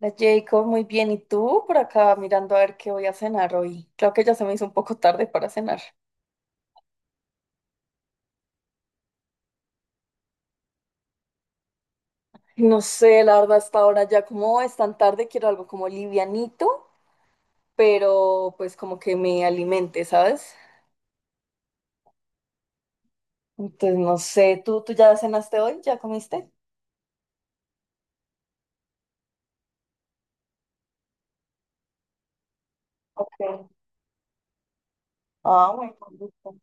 Hola Jacob, muy bien. ¿Y tú por acá mirando a ver qué voy a cenar hoy? Creo que ya se me hizo un poco tarde para cenar. No sé, la verdad, hasta ahora ya como es tan tarde, quiero algo como livianito, pero pues como que me alimente, ¿sabes? Entonces, no sé, ¿tú ya cenaste hoy? ¿Ya comiste? Sí. Ah, muy rico.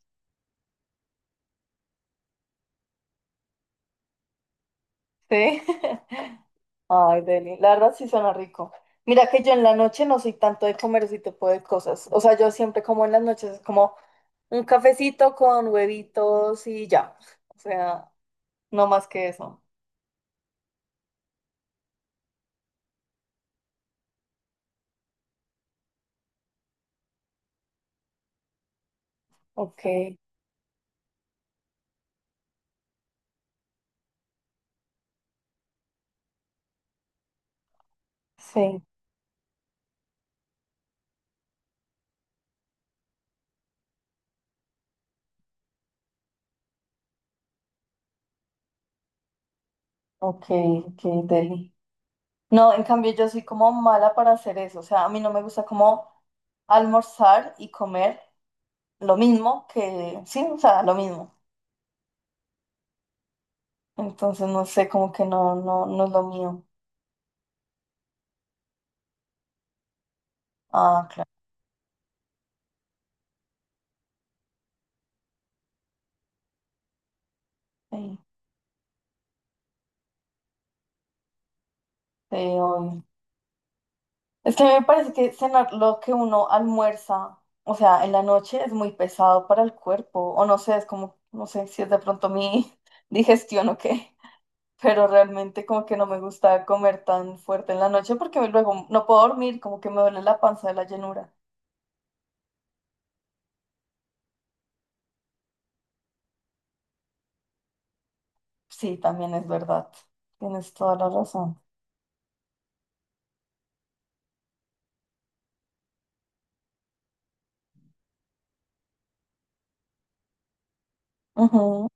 Sí. Ay, Deli, la verdad sí suena rico. Mira que yo en la noche no soy tanto de comer ese tipo de cosas. O sea, yo siempre como en las noches, es como... Un cafecito con huevitos y ya. O sea, no más que eso. Ok, sí, ok, ok, deli. No, en cambio yo soy como mala para hacer eso, o sea, a mí no me gusta como almorzar y comer lo mismo que, sí, o sea, lo mismo. Entonces, no sé, como que no, no, no es lo mío. Ah, claro, sí, sí, obvio. Es que a mí me parece que cenar lo que uno almuerza, o sea, en la noche es muy pesado para el cuerpo, o no sé, es como, no sé si es de pronto mi digestión o qué, pero realmente como que no me gusta comer tan fuerte en la noche porque luego no puedo dormir, como que me duele la panza de la llenura. Sí, también es verdad, tienes toda la razón. Ujú.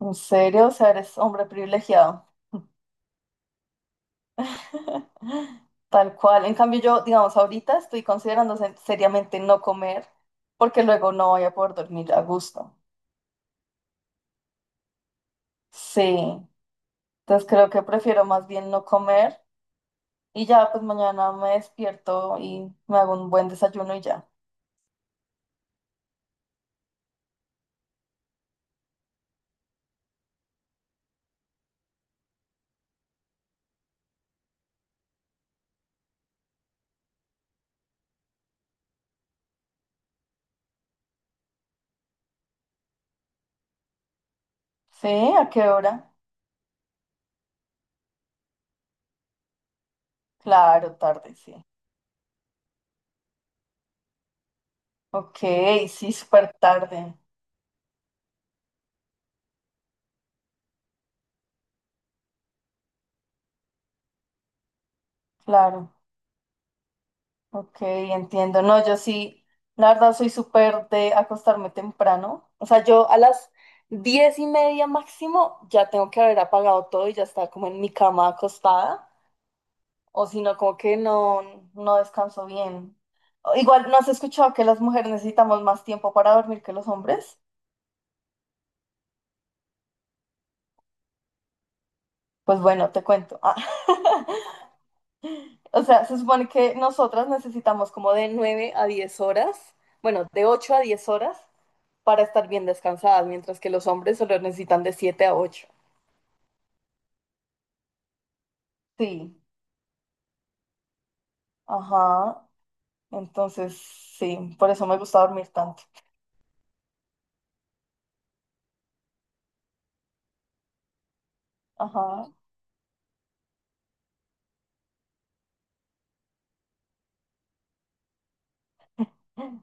¿En serio? O sea, eres hombre privilegiado. Tal cual. En cambio, yo, digamos, ahorita estoy considerando seriamente no comer porque luego no voy a poder dormir a gusto. Sí. Entonces creo que prefiero más bien no comer y ya, pues mañana me despierto y me hago un buen desayuno y ya. Sí, ¿a qué hora? Claro, tarde, sí. Ok, sí, súper tarde. Claro. Ok, entiendo. No, yo sí, la verdad soy súper de acostarme temprano. O sea, yo a las 10:30 máximo ya tengo que haber apagado todo y ya está como en mi cama acostada. O si no, como que no, no descanso bien. O igual, ¿no has escuchado que las mujeres necesitamos más tiempo para dormir que los hombres? Pues bueno, te cuento. Ah. O sea, se supone que nosotras necesitamos como de 9 a 10 horas, bueno, de 8 a 10 horas para estar bien descansadas, mientras que los hombres solo necesitan de 7 a 8. Sí, ajá. Entonces, sí, por eso me gusta dormir tanto. Ajá.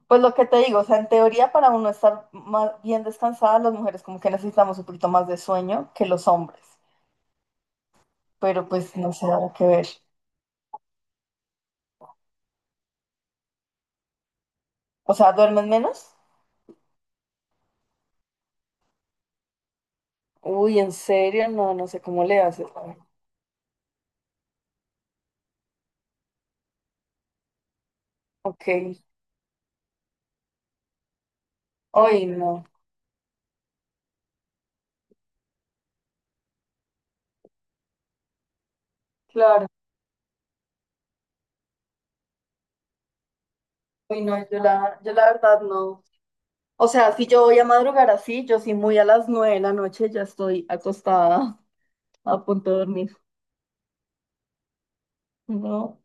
Pues lo que te digo, o sea, en teoría para uno estar más bien descansada, las mujeres como que necesitamos un poquito más de sueño que los hombres, pero pues no sé, habrá que ver. O sea, ¿duermen menos? Uy, ¿en serio? No, no sé cómo le haces, a ver. Ok. Hoy no, claro. Hoy no, yo la verdad no. O sea, si yo voy a madrugar así, yo sí muy a las 9 de la noche ya estoy acostada a punto de dormir. No.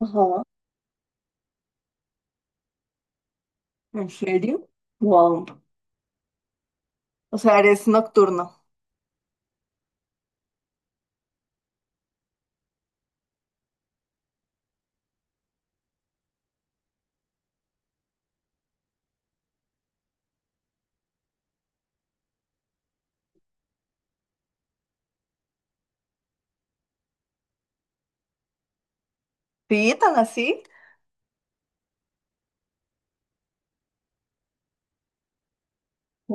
Ajá. ¿En serio? Wow. O sea, eres nocturno. ¿Sí? ¿Tan así? Sí.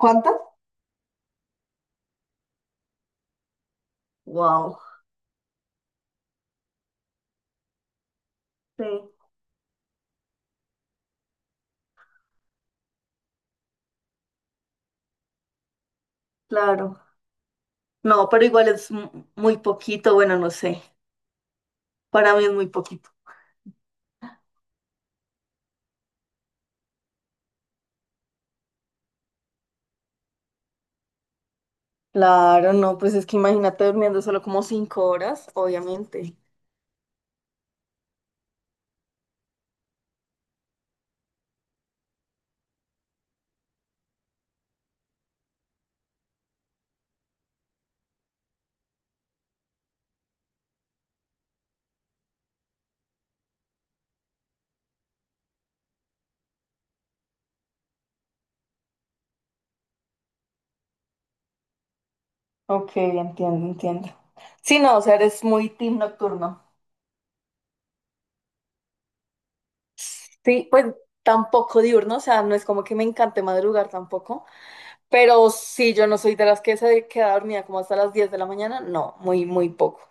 ¿Cuántas? Wow. Sí, claro. No, pero igual es muy poquito. Bueno, no sé. Para mí es muy poquito. Claro, no, pues es que imagínate durmiendo solo como 5 horas, obviamente. Ok, entiendo, entiendo. Sí, no, o sea, eres muy team nocturno. Sí, pues tampoco diurno, o sea, no es como que me encante madrugar tampoco, pero sí, yo no soy de las que se queda dormida como hasta las 10 de la mañana, no, muy, muy poco.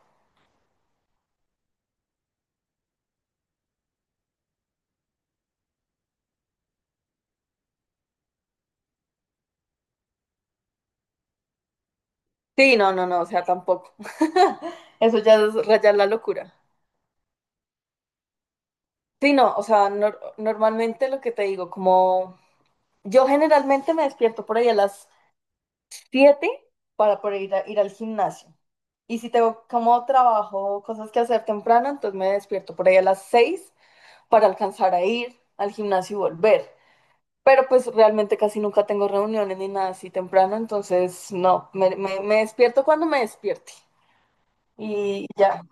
Sí, no, no, no, o sea, tampoco. Eso ya es rayar la locura. Sí, no, o sea, normalmente lo que te digo, como yo generalmente me despierto por ahí a las siete para poder ir, ir al gimnasio. Y si tengo como trabajo, cosas que hacer temprano, entonces me despierto por ahí a las 6 para alcanzar a ir al gimnasio y volver. Pero pues realmente casi nunca tengo reuniones ni nada así temprano, entonces no, me despierto cuando me despierte. Y ya,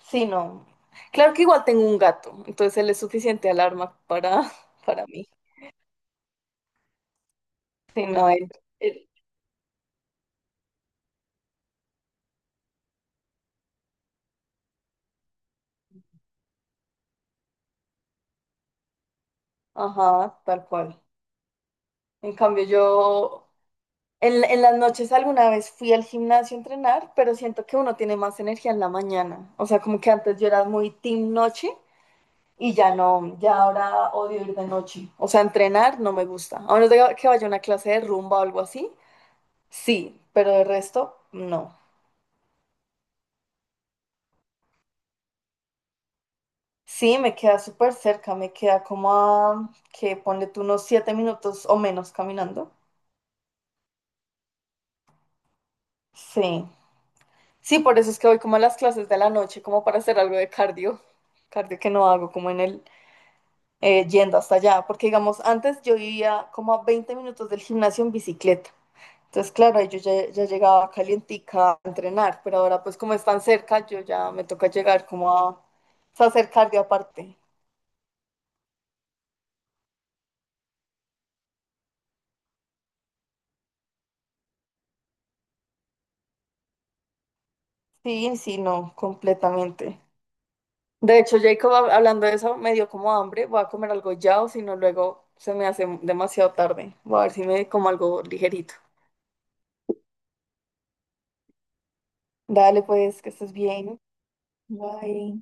sí, no. Claro que igual tengo un gato, entonces él es suficiente alarma para, para mí. Sí, no, él- ajá, tal cual. En cambio yo, en las noches alguna vez fui al gimnasio a entrenar, pero siento que uno tiene más energía en la mañana. O sea, como que antes yo era muy team noche y ya no, ya ahora odio ir de noche. O sea, entrenar no me gusta. A menos de que vaya a una clase de rumba o algo así, sí, pero de resto, no. Sí, me queda súper cerca, me queda como a, que ponle tú unos 7 minutos o menos caminando. Sí. Sí, por eso es que voy como a las clases de la noche, como para hacer algo de cardio, cardio que no hago como en el, yendo hasta allá, porque digamos, antes yo vivía como a 20 minutos del gimnasio en bicicleta. Entonces, claro, ahí yo ya, ya llegaba calientica a entrenar, pero ahora pues como es tan cerca, yo ya me toca llegar como a, o sea, hacer cardio aparte. Sí, sí, no, completamente. De hecho, Jacob, hablando de eso, me dio como hambre, voy a comer algo ya o si no, luego se me hace demasiado tarde. Voy a ver si me como algo ligerito. Dale, pues, que estés bien. Bye.